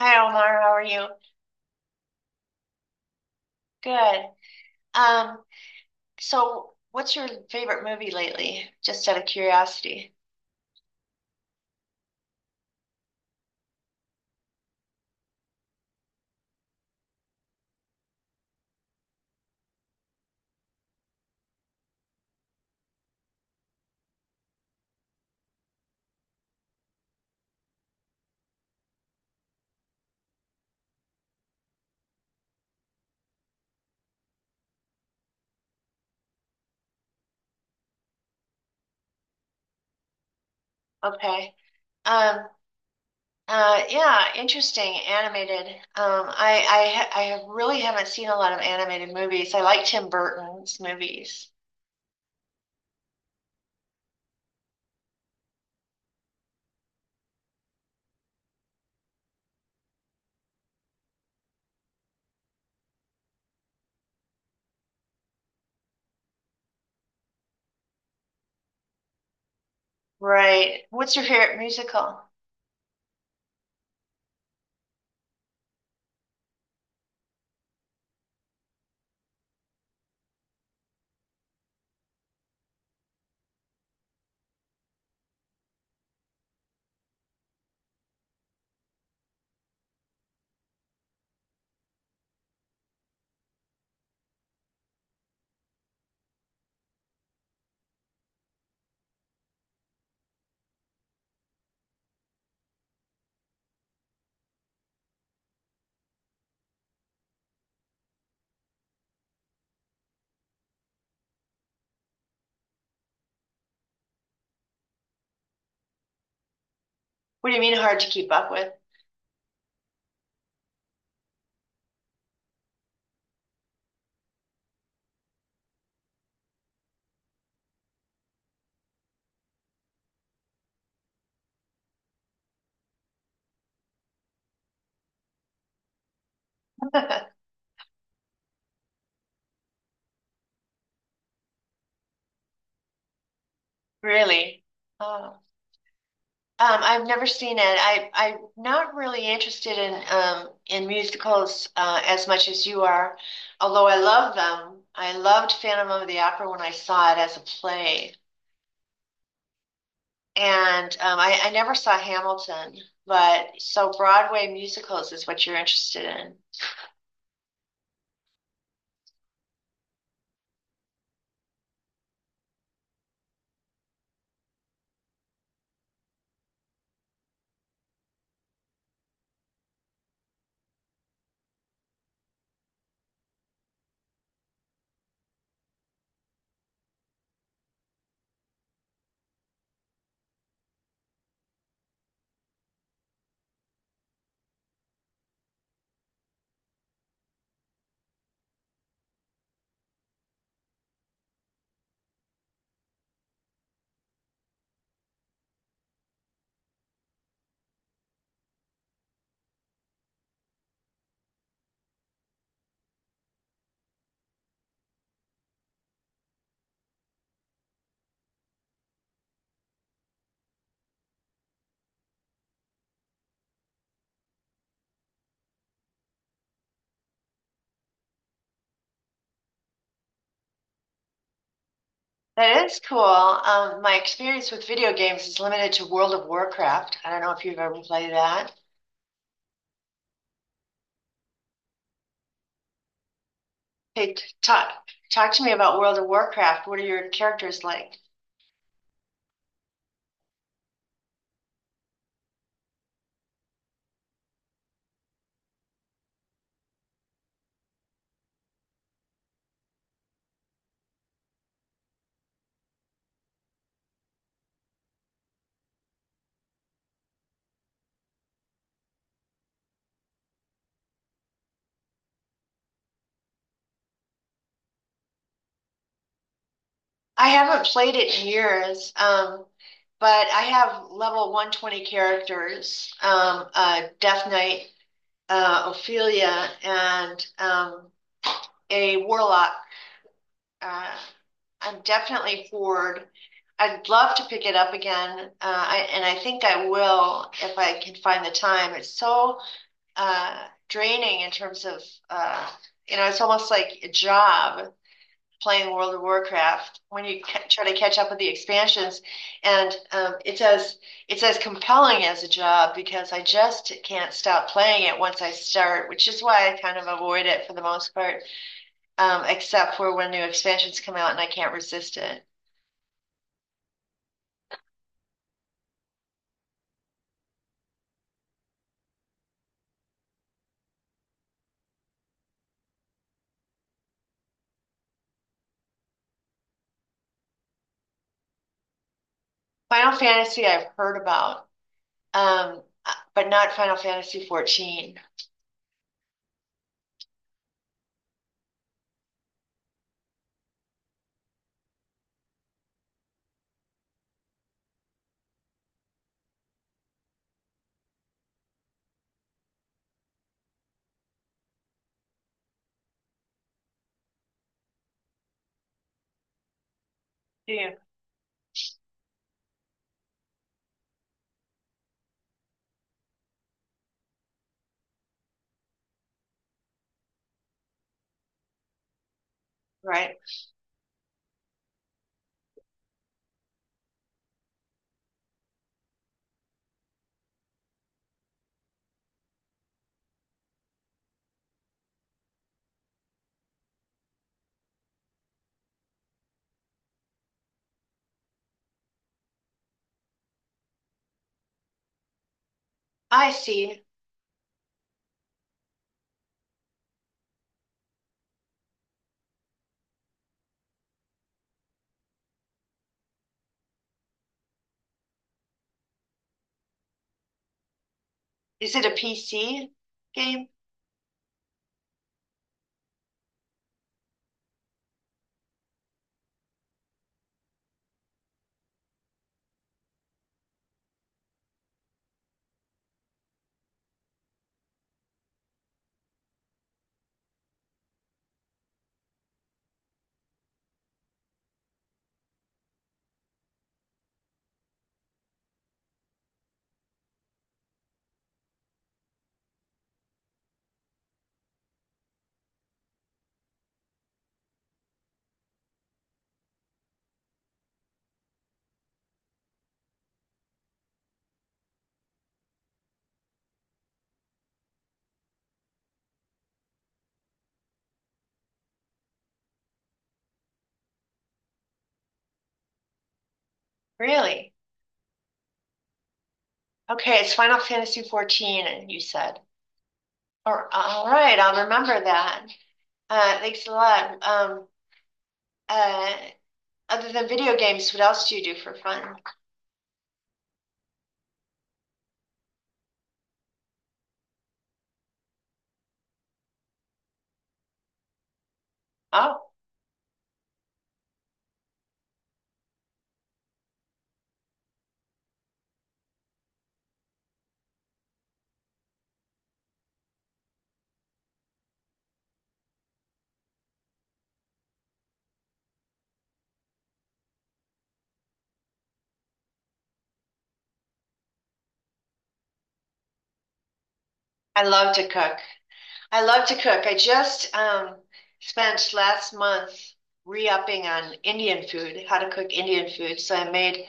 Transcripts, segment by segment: Hi Omar, how are you? Good. Um, so what's your favorite movie lately? Just out of curiosity. Okay. Um, yeah, interesting. Animated. I really haven't seen a lot of animated movies. I like Tim Burton's movies. Right. What's your favorite musical? What do you mean hard to keep up with? Really? Oh. I've never seen it. I'm not really interested in musicals as much as you are, although I love them. I loved Phantom of the Opera when I saw it as a play, and I never saw Hamilton. But so Broadway musicals is what you're interested in. That is cool. My experience with video games is limited to World of Warcraft. I don't know if you've ever played that. Hey, talk to me about World of Warcraft. What are your characters like? I haven't played it in years, but I have level 120 characters, a Death Knight, Ophelia, and a Warlock. Uh, I'm definitely forward. I'd love to pick it up again, and I think I will if I can find the time. It's so uh, draining in terms of, uh, you know, it's almost like a job playing World of Warcraft when you try to catch up with the expansions, and it's as compelling as a job because I just can't stop playing it once I start, which is why I kind of avoid it for the most part, except for when new expansions come out and I can't resist it. Final Fantasy I've heard about, um, but not Final Fantasy 14. Yeah. Right. I see. Is it a PC game? Really? Okay, it's Final Fantasy 14, you said. All right, I'll remember that. Thanks a lot. Uh, Other than video games, what else do you do for fun? Oh, I love to cook. I love to cook. I just spent last month re-upping on Indian food, how to cook Indian food.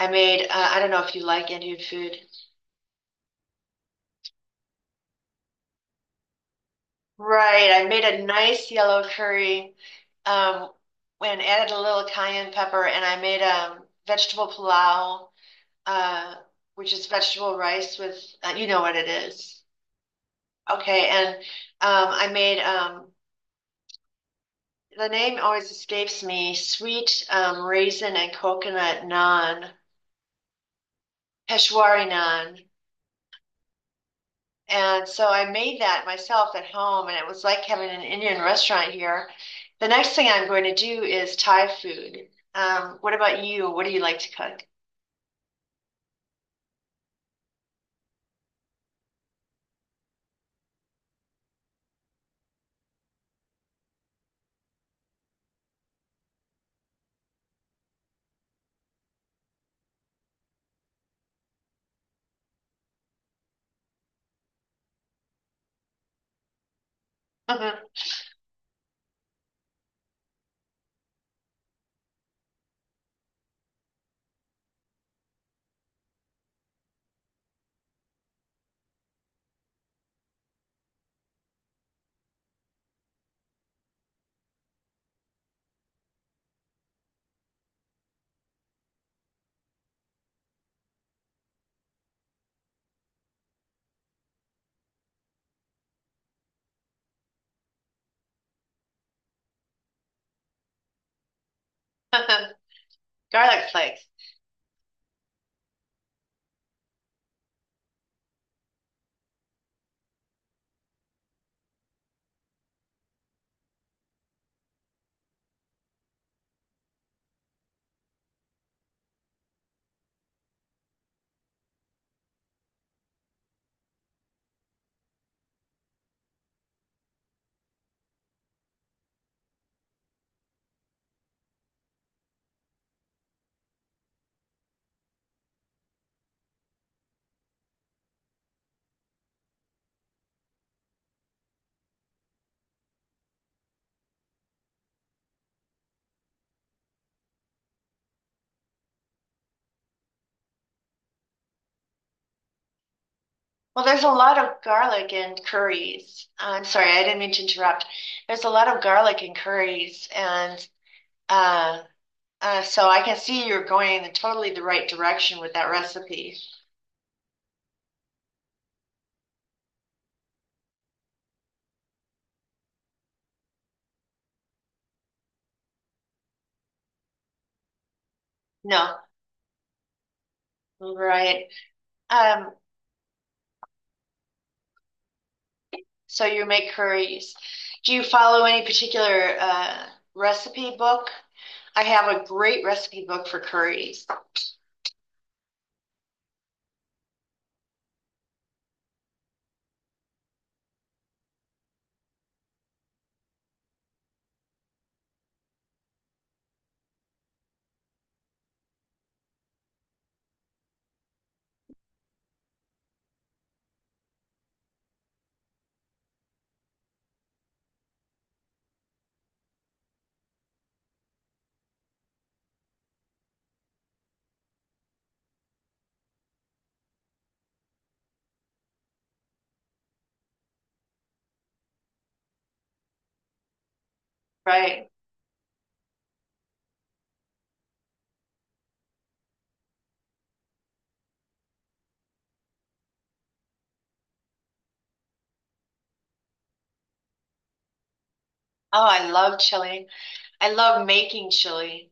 I made, I don't know if you like Indian food. Right, I made a nice yellow curry, um, and added a little cayenne pepper, and I made vegetable pilau. Uh, which is vegetable rice with, you know what it is. Okay, and I made the name always escapes me sweet raisin and coconut naan, Peshwari naan. And so I made that myself at home, and it was like having an Indian restaurant here. The next thing I'm going to do is Thai food. What about you? What do you like to cook? Garlic flakes. Well, there's a lot of garlic in curries. I'm sorry, I didn't mean to interrupt. There's a lot of garlic in curries, and uh, so I can see you're going in totally the right direction with that recipe. No, right. Um, so you make curries. Do you follow any particular recipe book? I have a great recipe book for curries, right? Oh, I love chili. I love making chili.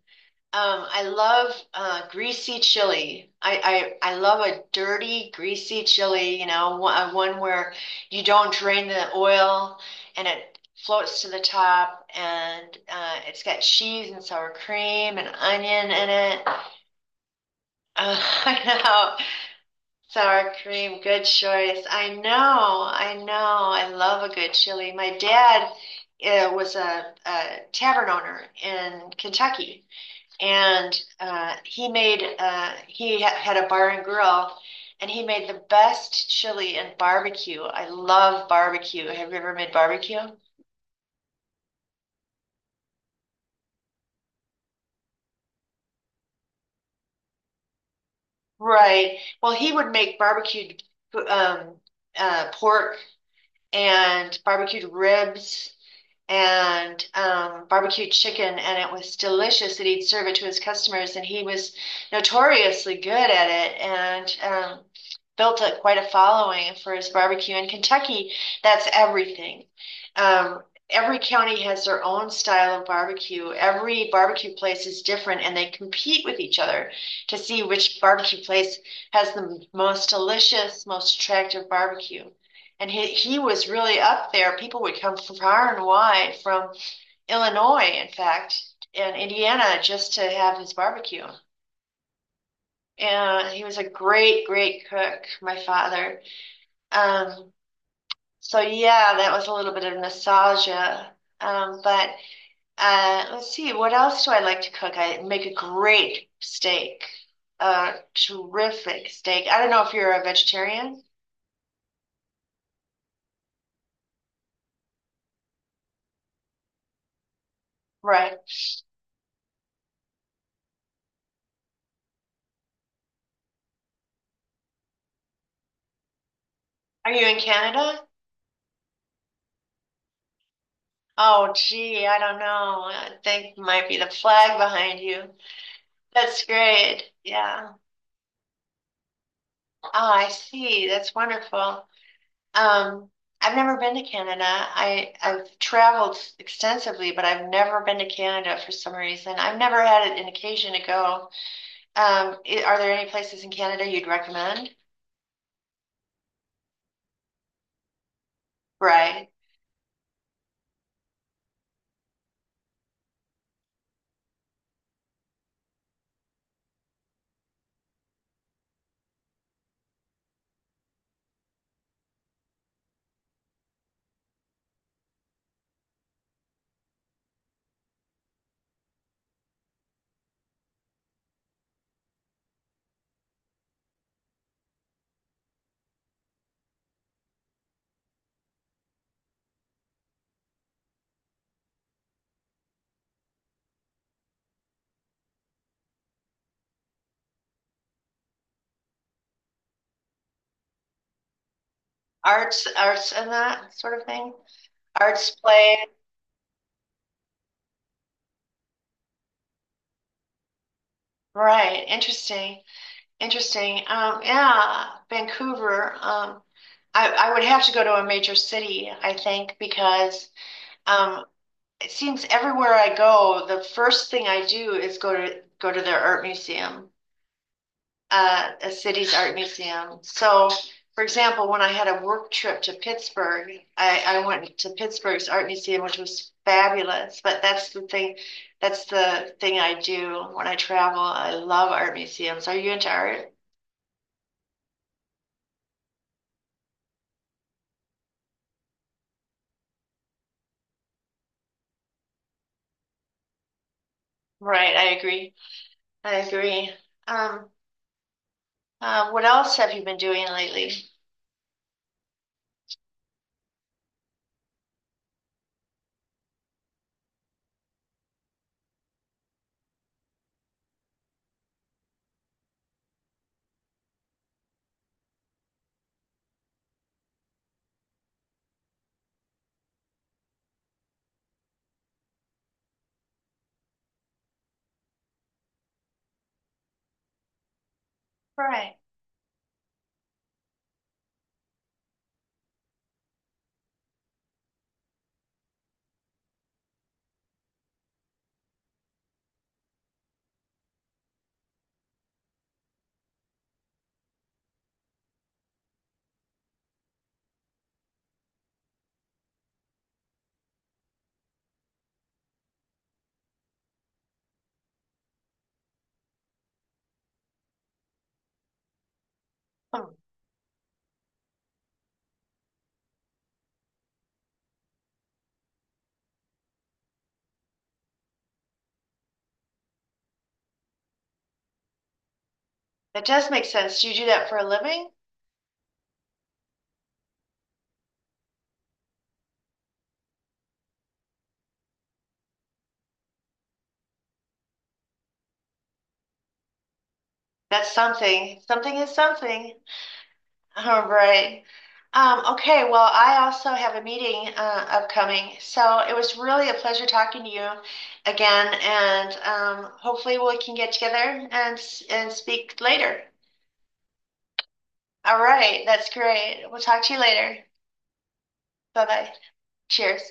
I love greasy chili. I love a dirty, greasy chili, you know, one where you don't drain the oil and it floats to the top and it's got cheese and sour cream and onion in it. I know. Sour cream, good choice. I know, I know. I love a good chili. My dad was a tavern owner in Kentucky and he ha had a bar and grill, and he made the best chili and barbecue. I love barbecue. Have you ever made barbecue? Right. Well, he would make barbecued um, pork and barbecued ribs and barbecue chicken, and it was delicious. And he'd serve it to his customers, and he was notoriously good at it, and built up quite a following for his barbecue. In Kentucky, that's everything. Um, every county has their own style of barbecue. Every barbecue place is different, and they compete with each other to see which barbecue place has the most delicious, most attractive barbecue. And he was really up there. People would come from far and wide, from Illinois, in fact, and Indiana, just to have his barbecue. And he was a great, great cook, my father. Um, so, yeah, that was a little bit of nostalgia. But let's see, what else do I like to cook? I make a great steak, a terrific steak. I don't know if you're a vegetarian, right? Are you in Canada? Oh, gee, I don't know. I think might be the flag behind you. That's great. Yeah. Oh, I see. That's wonderful. Um, I've never been to Canada. I've traveled extensively, but I've never been to Canada for some reason. I've never had an occasion to go. Are there any places in Canada you'd recommend? Right. Arts, arts and that sort of thing. Arts play. Right. Interesting. Interesting. Yeah, Vancouver. I would have to go to a major city, I think, because um, it seems everywhere I go, the first thing I do is go to their art museum, a city's art museum. So, for example, when I had a work trip to Pittsburgh, I went to Pittsburgh's art museum, which was fabulous. But that's the thing I do when I travel. I love art museums. Are you into art? Right, I agree. I agree. Um, what else have you been doing lately? Right. Hmm. That does make sense. Do you do that for a living? That's something. Something is something. All right. Okay, well, I also have a meeting upcoming, so it was really a pleasure talking to you again, and hopefully we can get together and speak later. All right, that's great. We'll talk to you later. Bye bye. Cheers.